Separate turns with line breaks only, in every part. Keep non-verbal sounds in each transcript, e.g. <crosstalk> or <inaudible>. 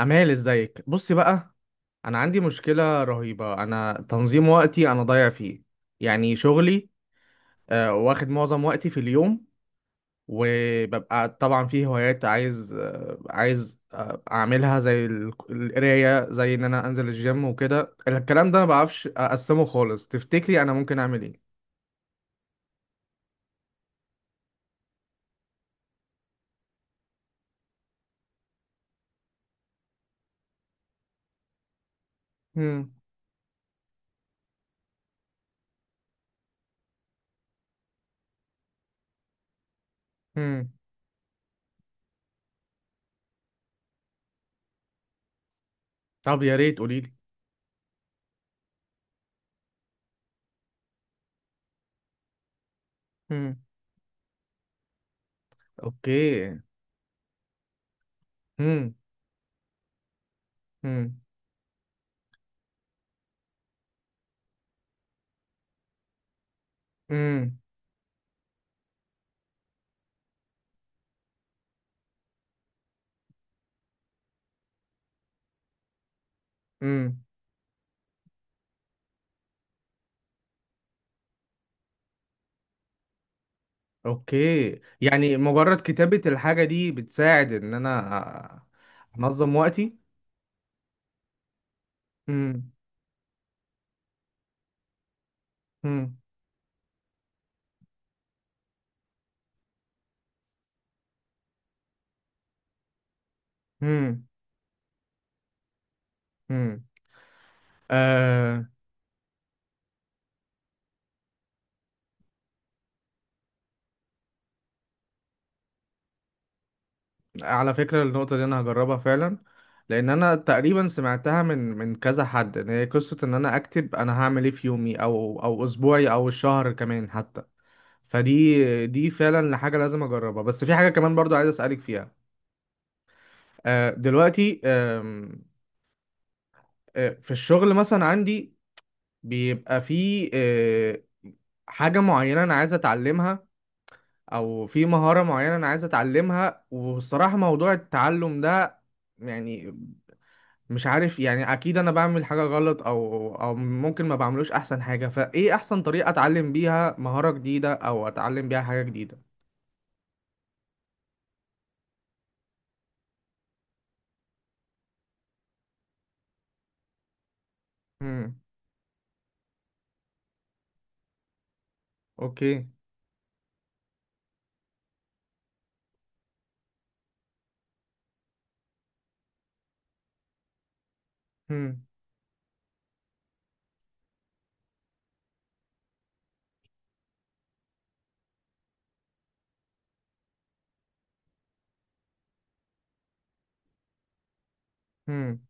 أمال ازيك؟ بصي بقى، أنا عندي مشكلة رهيبة. أنا تنظيم وقتي أنا ضايع فيه. يعني شغلي واخد معظم وقتي في اليوم، وببقى طبعا فيه هوايات عايز، أعملها زي القراية، زي إن أنا أنزل الجيم وكده. الكلام ده أنا مبعرفش أقسمه خالص. تفتكري أنا ممكن أعمل إيه؟ هم. هم. طب يا ريت قوليلي. هم. أوكي. هم. هم. هم. اوكي، يعني مجرد كتابة الحاجة دي بتساعد ان انا انظم وقتي؟ امم امم امم امم آه. على فكرة النقطة دي انا هجربها فعلا، لان انا تقريبا سمعتها من كذا حد ان هي قصة ان انا اكتب انا هعمل ايه في يومي او اسبوعي او الشهر كمان حتى. دي فعلا حاجة لازم اجربها، بس في حاجة كمان برضو عايز اسألك فيها. آه دلوقتي، آم، آه، في الشغل مثلا عندي بيبقى في حاجة معينة أنا عايز أتعلمها، أو في مهارة معينة أنا عايز أتعلمها. والصراحة موضوع التعلم ده يعني مش عارف، يعني أكيد أنا بعمل حاجة غلط أو ممكن ما بعملوش أحسن حاجة. فإيه أحسن طريقة أتعلم بيها مهارة جديدة أو أتعلم بيها حاجة جديدة؟ هم. أوكي. هم. هم.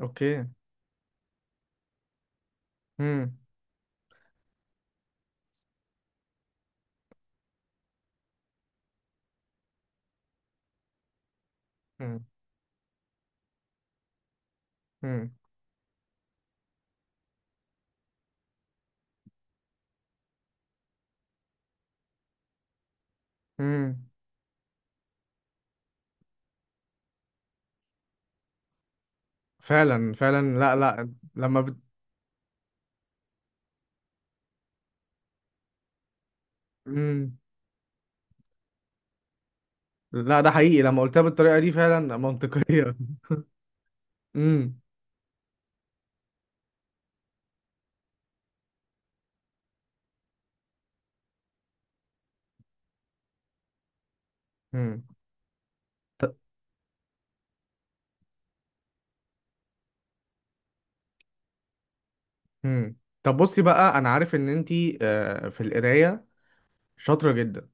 أوكي. هم. هم. هم. هم. فعلا فعلا. لا لا لما بت... مم. لا ده حقيقي، لما قلتها بالطريقة دي فعلا منطقية. <laughs> امم. امم. امم. طب بصي بقى، انا عارف ان انتي في القراية شاطرة جدا،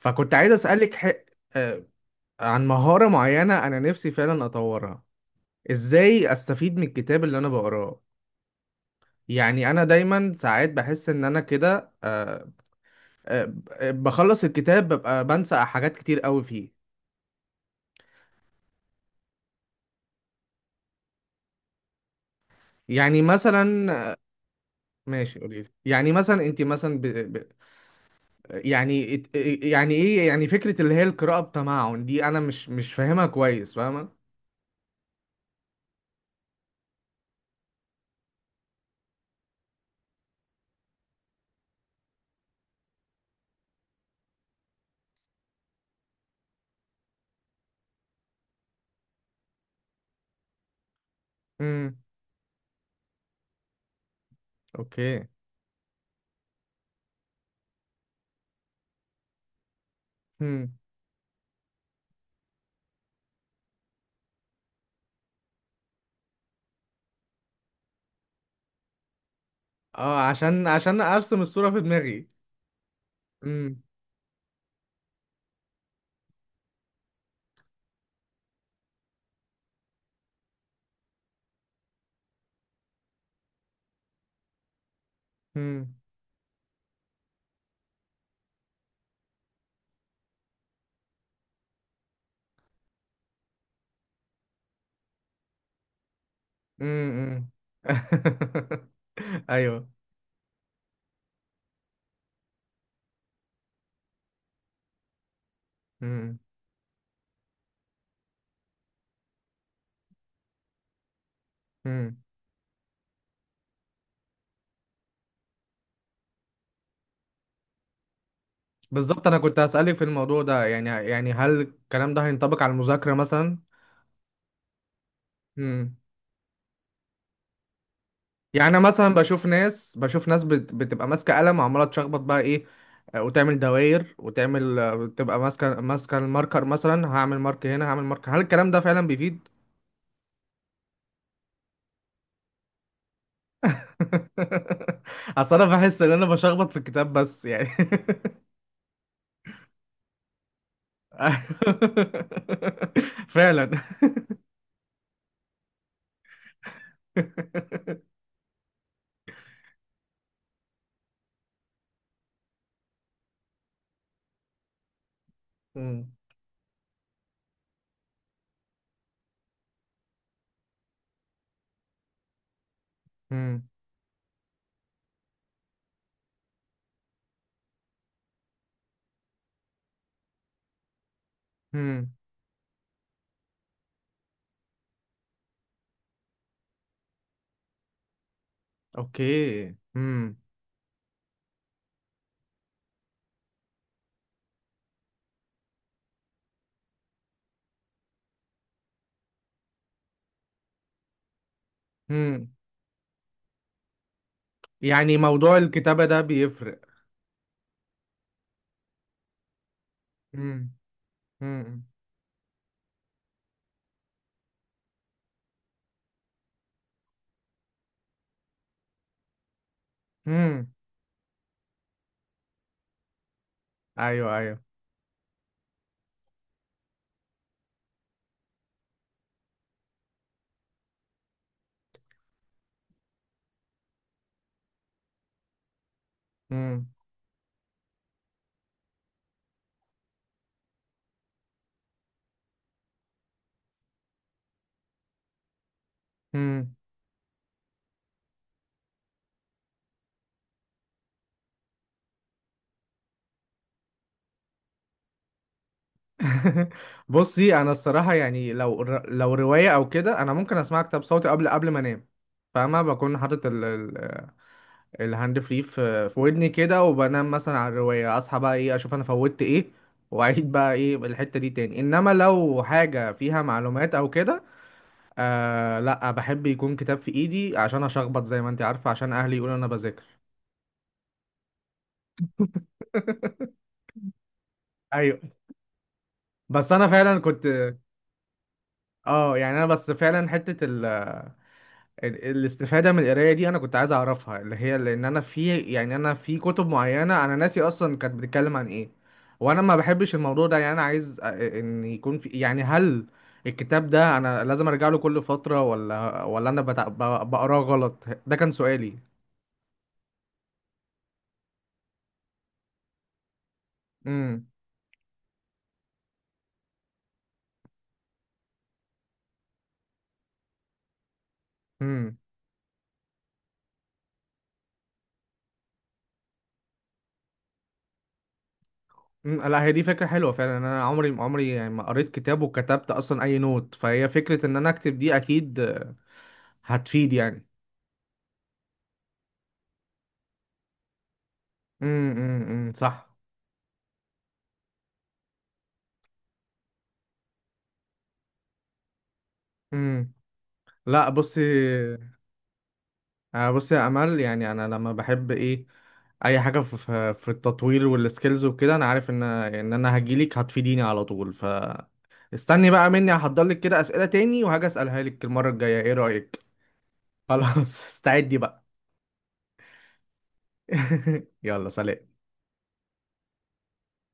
فكنت عايز اسألك ح... آه، عن مهارة معينة انا نفسي فعلا اطورها. ازاي استفيد من الكتاب اللي انا بقراه؟ يعني انا دايما ساعات بحس ان انا كده، آه، بخلص الكتاب ببقى بنسى حاجات كتير قوي فيه. يعني مثلا ماشي قولي لي. يعني مثلا انت مثلا، يعني ات- يعني ايه يعني فكرة اللي هي القراءة بتمعن دي؟ انا مش فاهمها كويس فاهمة. امم. اوكي. امم. اه عشان ارسم الصورة في دماغي. امم. امم. امم. <laughs> ايوه. امم. امم. بالظبط انا كنت هسألك في الموضوع ده. يعني يعني هل الكلام ده هينطبق على المذاكرة مثلا؟ يعني انا مثلا بشوف ناس، بتبقى ماسكه قلم وعماله تشخبط بقى ايه، وتعمل دواير وتعمل تبقى ماسكه الماركر. مثلا هعمل مارك هنا هعمل مارك، هل الكلام ده فعلا بيفيد؟ <laughs> اصل انا بحس ان انا بشخبط في الكتاب بس يعني. <laughs> فعلا. مم. مم. مم. اوكي. مم. مم. يعني موضوع الكتابة ده بيفرق؟ مم. مم. مم. ايوه ايوه. مم. مم. <laughs> بصي انا الصراحه، يعني لو لو روايه او كده انا ممكن اسمع كتاب صوتي قبل ما انام. فاهمه بكون حاطط الهاند فري في ودني كده وبنام مثلا على الروايه. اصحى بقى ايه اشوف انا فوتت ايه، واعيد بقى ايه الحته دي تاني. انما لو حاجه فيها معلومات او كده، آه لا بحب يكون كتاب في ايدي عشان اشخبط زي ما انت عارفه، عشان اهلي يقولوا انا بذاكر. <laughs> ايوه. بس انا فعلا كنت، اه يعني انا بس فعلا حته الاستفادة من القراية دي أنا كنت عايز أعرفها، اللي هي لأن أنا في يعني أنا في كتب معينة أنا ناسي أصلا كانت بتتكلم عن إيه. وأنا ما بحبش الموضوع ده، يعني أنا عايز إن يكون في يعني هل الكتاب ده أنا لازم أرجع له كل فترة ولا أنا بقراه غلط؟ ده كان سؤالي. امم. امم. أمم، لا هي دي فكرة حلوة فعلا. أنا عمري يعني ما قريت كتاب وكتبت أصلا أي نوت، فهي فكرة إن أنا أكتب دي أكيد هتفيد يعني. امم. امم. أمم، صح. امم. لا بصي، بصي يا امل، يعني انا لما بحب ايه اي حاجه في التطوير والسكيلز وكده، انا عارف ان ان انا هجيلك هتفيديني على طول. ف استني بقى مني هحضر لك كده اسئله تاني وهاجي اسالها لك المره الجايه، ايه رايك؟ خلاص. <laughs> استعدي بقى. <laughs> يلا سلام.